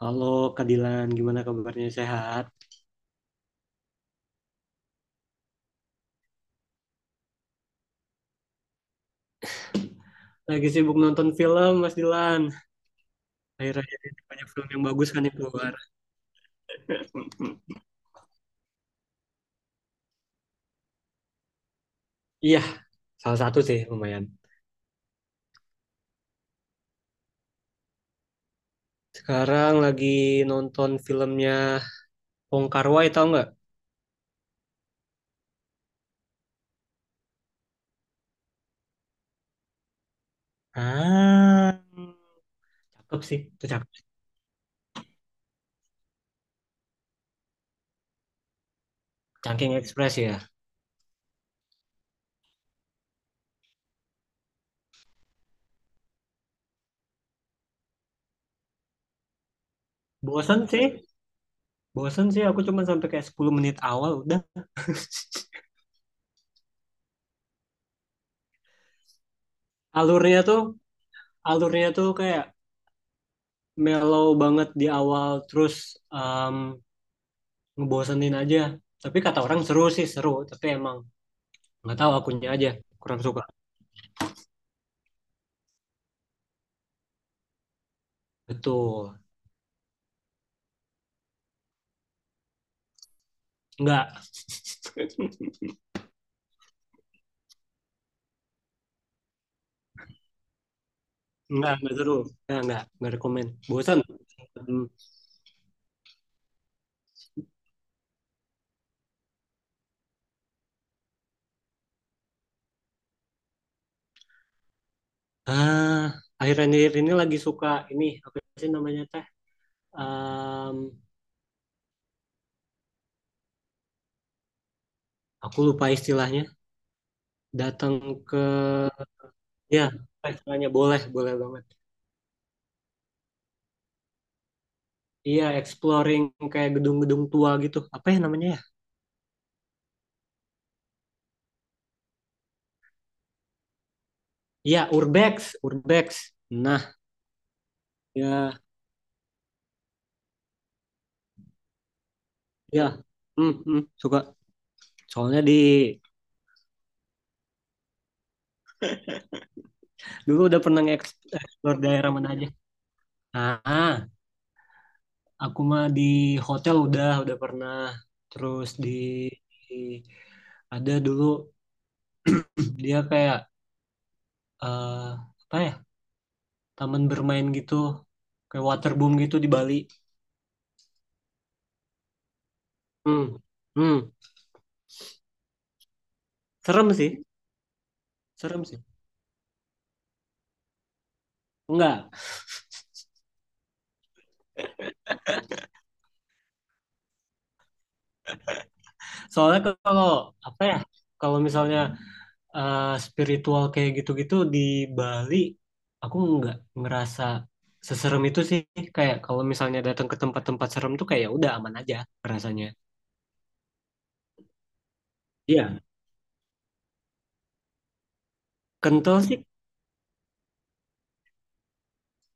Halo Kak Dilan, gimana kabarnya? Sehat? Lagi sibuk nonton film, Mas Dilan. Akhir-akhir ini banyak film yang bagus kan yang keluar. Mm-mm. Iya, salah satu sih lumayan. Sekarang lagi nonton filmnya Wong Kar Wai, tau nggak? Ah, cakep sih. Itu cakep. Cangking Express ya. Bosan sih, bosan sih. Aku cuma sampai kayak 10 menit awal udah. Alurnya tuh, alurnya tuh kayak mellow banget di awal, terus um, ngebosenin aja. Tapi kata orang seru sih, seru. Tapi emang nggak tahu akunya aja, kurang suka. Betul. Nggak, nggak seru. Nggak rekomen. Bosan. Hmm. Ah, akhir-akhir ini lagi suka ini, apa sih namanya teh? Em, aku lupa istilahnya. Datang ke, ya, istilahnya boleh, boleh banget. Iya, exploring kayak gedung-gedung tua gitu. Apa ya namanya ya? Iya, urbex, urbex. Nah, ya, ya, hmm, hmm, suka. Soalnya di dulu udah pernah nge-explore daerah mana aja. Ah, aku mah di hotel udah pernah. Terus di ada dulu dia kayak eh, apa ya? Taman bermain gitu, kayak waterboom gitu di Bali. Hmm. Hmm. Serem sih, serem sih. Enggak. Soalnya kalau apa ya? Kalau misalnya spiritual kayak gitu-gitu di Bali aku nggak ngerasa seserem itu sih, kayak kalau misalnya datang ke tempat-tempat serem tuh kayak ya udah aman aja rasanya. Iya, kental sih.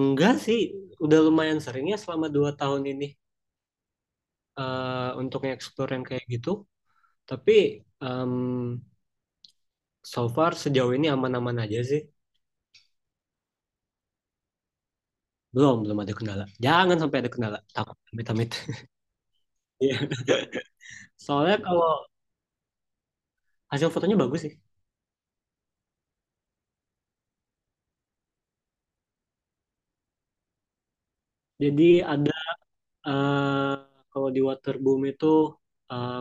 Enggak sih, udah lumayan sering ya selama 2 tahun ini, eh, untuk nge-explore yang kayak gitu. Tapi em, so far sejauh ini aman-aman aja sih. Belum belum ada kendala, jangan sampai ada kendala, takut amit-amit. Iya. Soalnya kalau hasil fotonya bagus sih. Jadi ada eh kalau di waterboom itu em,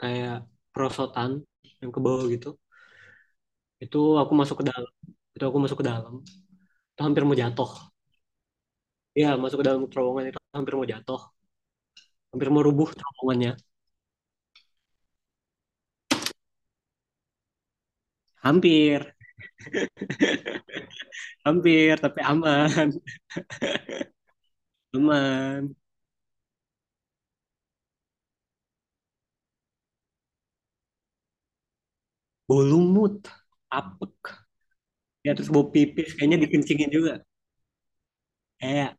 kayak perosotan yang ke bawah gitu. Itu aku masuk ke dalam. Itu aku masuk ke dalam. Itu hampir mau jatuh. Iya, masuk ke dalam terowongan itu hampir mau jatuh. Hampir mau rubuh terowongannya. Hampir, hampir, tapi aman. Aman. Bau lumut, apek. Ya terus bau pipis kayaknya dikencingin juga. Kayak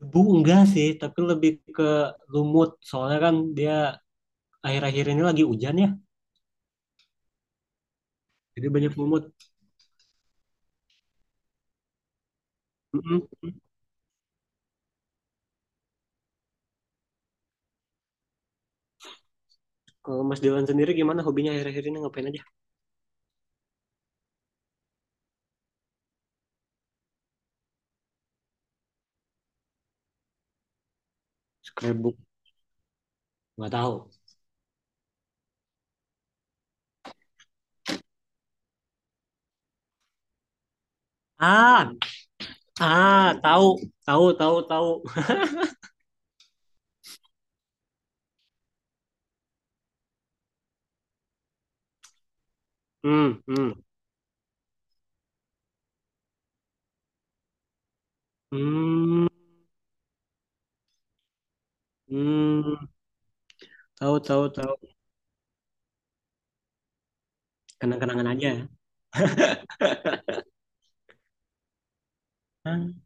debu enggak sih, tapi lebih ke lumut. Soalnya kan dia akhir-akhir ini lagi hujan ya. Jadi banyak lumut. Mm-mm. Kalau Mas Dewan sendiri gimana hobinya akhir-akhir ini ngapain aja? Scrapbook, nggak tahu. Ah, ah, tahu, tahu, tahu, tahu. Hmm, hmm, hmm, hmm. Tahu, tahu, tahu. Kenang-kenangan aja, ya. Ah,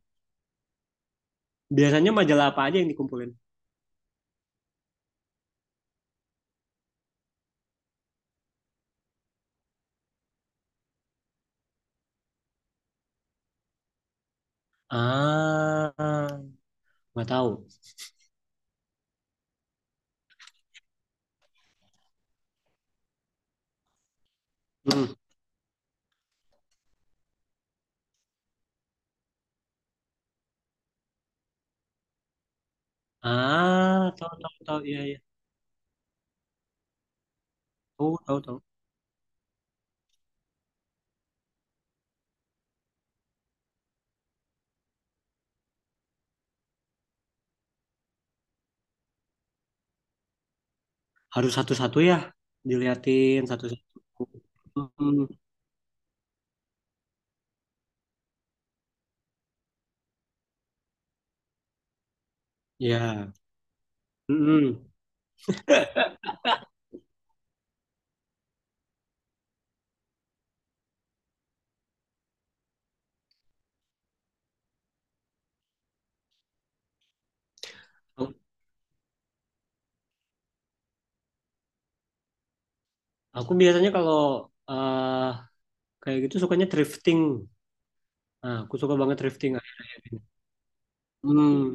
biasanya majalah apa aja yang dikumpulin? Ah, nggak tahu. Hmm. Ah, tahu, tahu, tahu. Iya, iya. Tahu, tahu, tahu. Harus satu-satu ya, diliatin satu-satu. Hmm, ya. Hmm. Aku biasanya kalau eh kayak gitu sukanya drifting. Nah, aku suka banget drifting akhir-akhir ini. Hmm.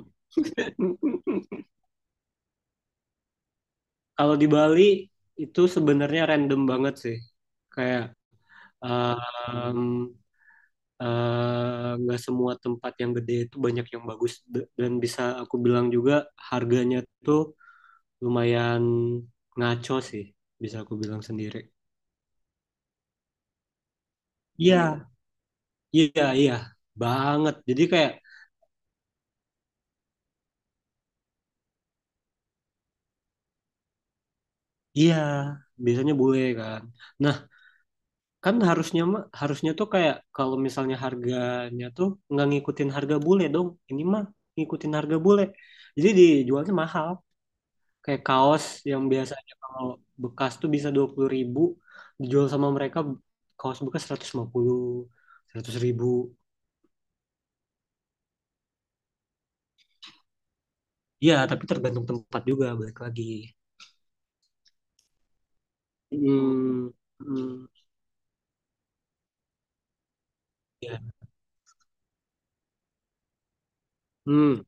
Kalau di Bali itu sebenarnya random banget sih. Kayak em, nggak semua tempat yang gede itu banyak yang bagus dan bisa aku bilang juga harganya tuh lumayan ngaco sih, bisa aku bilang sendiri. Iya, iya, iya, banget. Jadi kayak iya, biasanya bule kan. Nah, kan harusnya mah harusnya tuh kayak kalau misalnya harganya tuh nggak ngikutin harga bule dong, ini mah ngikutin harga bule, jadi dijualnya mahal, kayak kaos yang biasanya kalau bekas tuh bisa 20 ribu, dijual sama mereka kaos bekas 150, 100 ribu. Ya tapi tergantung tempat juga, balik lagi. Hmm, hmm, ya. Hmm,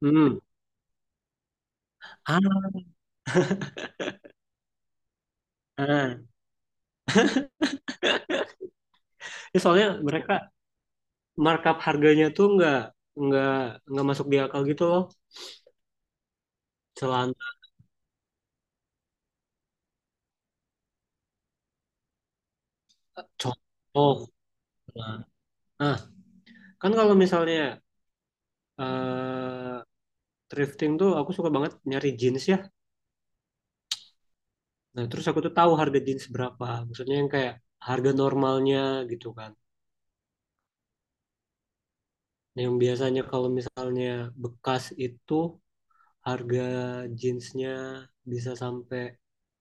hmm. Ah, ah. Ya, soalnya mereka markup harganya tuh nggak nggak masuk di akal gitu loh. Celana contoh. Nah, nah, kan kalau misalnya eh thrifting tuh aku suka banget nyari jeans ya. Nah, terus aku tuh tahu harga jeans berapa. Maksudnya yang kayak harga normalnya gitu kan. Nah, yang biasanya kalau misalnya bekas itu harga jeansnya bisa sampai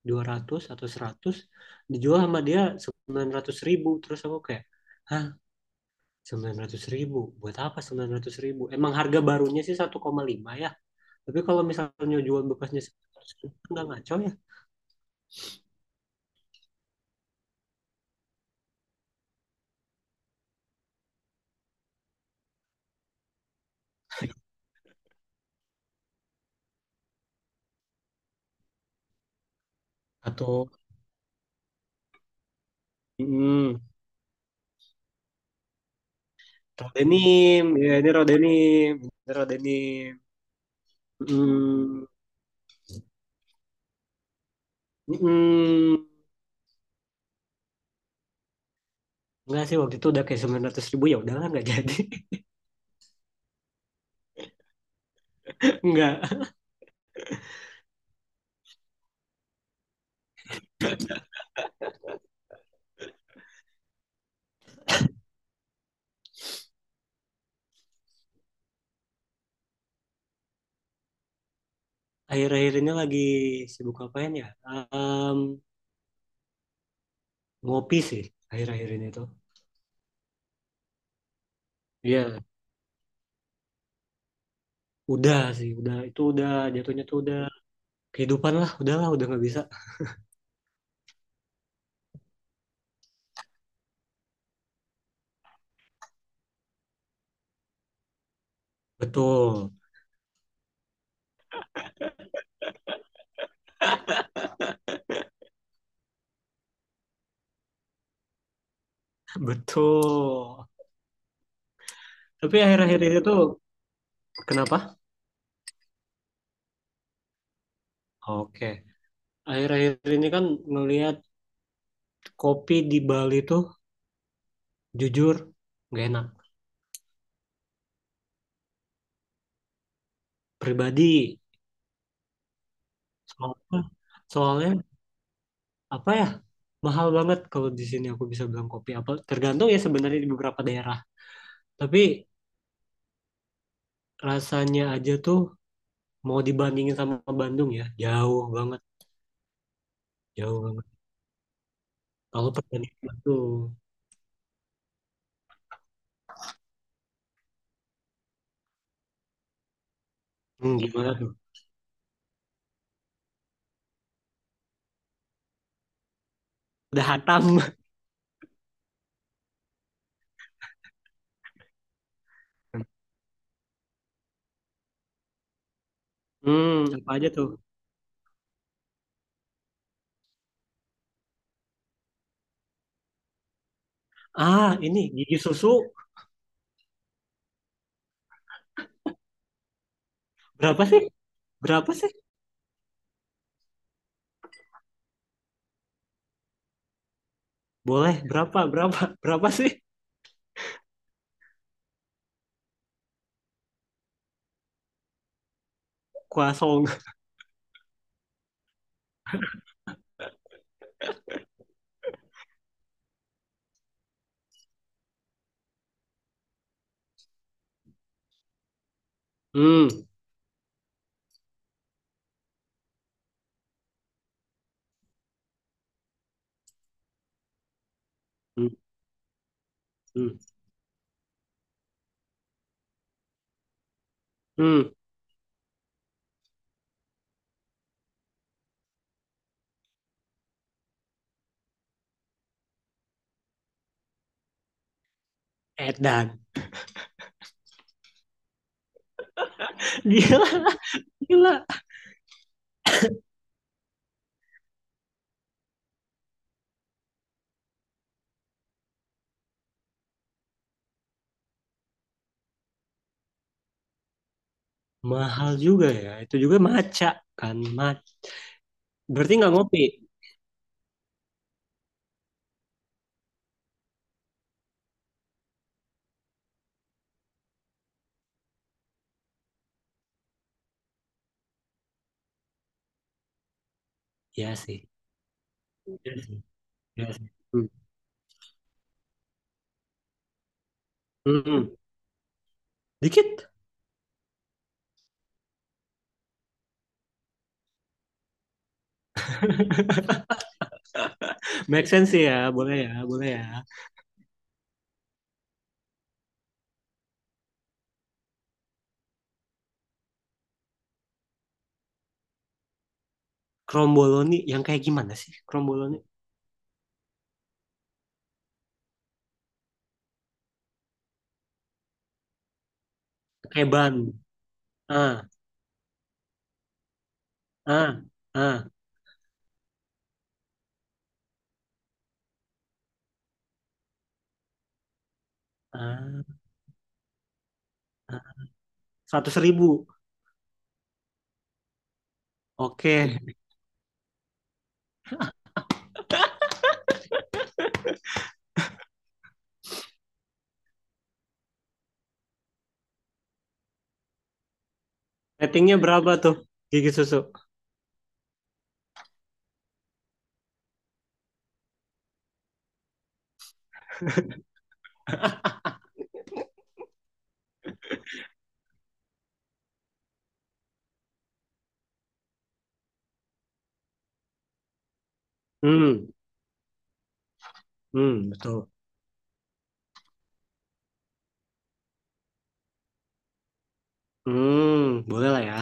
200 atau 100, dijual sama dia 900 ribu. Terus aku kayak hah, 900 ribu? Buat apa 900 ribu? Emang harga barunya sih 1,5 ya? Tapi kalau misalnya jual bekasnya nggak ngaco ya. Atau mm-mm. Ya, ini Rodenim, ini Rodenim. Mm-mm. Enggak sih, waktu itu udah kayak 900 ribu, ya udahlah nggak jadi. Nggak. Akhir-akhir ini lagi sibuk ngapain ya? Ngopi sih akhir-akhir ini tuh. Iya, udah sih, udah itu udah jatuhnya tuh udah kehidupan lah, udahlah udah nggak bisa. Betul, betul. Tapi akhir-akhir ini tuh kenapa? Oke. Akhir-akhir ini kan ngelihat kopi di Bali tuh jujur gak enak. Pribadi. Soalnya, soalnya, apa ya? Mahal banget kalau di sini aku bisa bilang kopi. Apa tergantung ya sebenarnya di beberapa daerah. Tapi rasanya aja tuh mau dibandingin sama Bandung ya, jauh banget, jauh banget. Kalau perbandingan tuh hmm, gimana tuh? Udah hatam. Hmm, apa aja tuh? Ah, ini gigi susu berapa sih? Berapa sih? Boleh, berapa, berapa, berapa sih? Kuasong. Hmm, hmm, hmm, hmm. Edan. Gila, gila. Mahal juga ya. Itu juga maca kan. Mac berarti nggak ngopi. Ya sih. Ya sih. Ya sih. Hmm. Hmm, hmm. Dikit. Make sense sih ya. Boleh ya, boleh ya. Kromboloni yang kayak gimana sih? Kromboloni. Kayak ban. Ah, ah, ah, ah. Seratus ribu. Oke. Ratingnya berapa tuh? Gigi susu. Hmm. Hmm, betul. Hmm, boleh lah ya.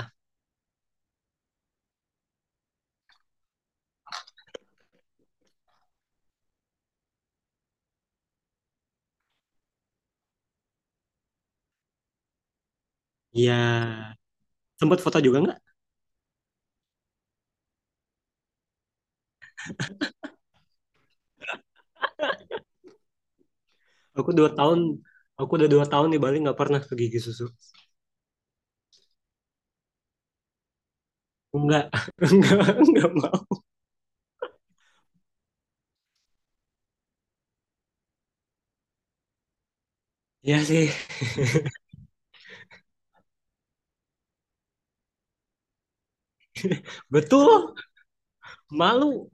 Iya. Sempat foto juga nggak? Aku 2 tahun, aku udah 2 tahun di Bali nggak pernah ke gigi susu. Nggak, nggak, nggak mau. Iya sih, betul. Malu.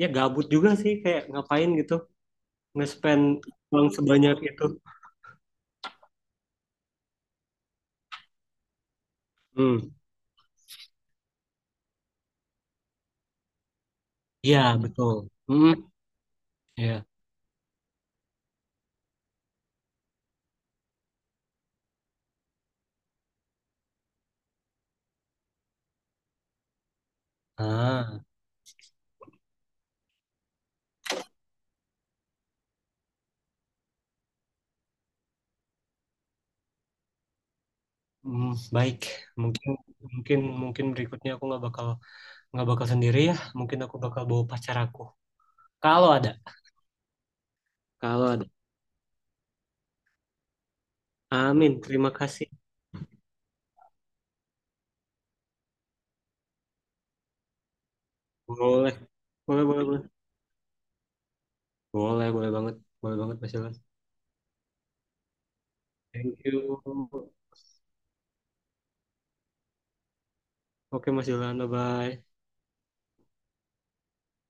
Ya gabut juga sih, kayak ngapain gitu. Nge-spend uang sebanyak itu. Hmm, iya betul. Hmm, iya. Ah, hmm, baik. Mungkin, mungkin berikutnya aku nggak bakal sendiri ya. Mungkin aku bakal bawa pacar aku. Kalau ada. Kalau ada. Amin, terima kasih. Boleh, boleh, boleh, boleh. Boleh, boleh banget Mas Ilham. Thank you. Oke Mas Ilham, bye-bye.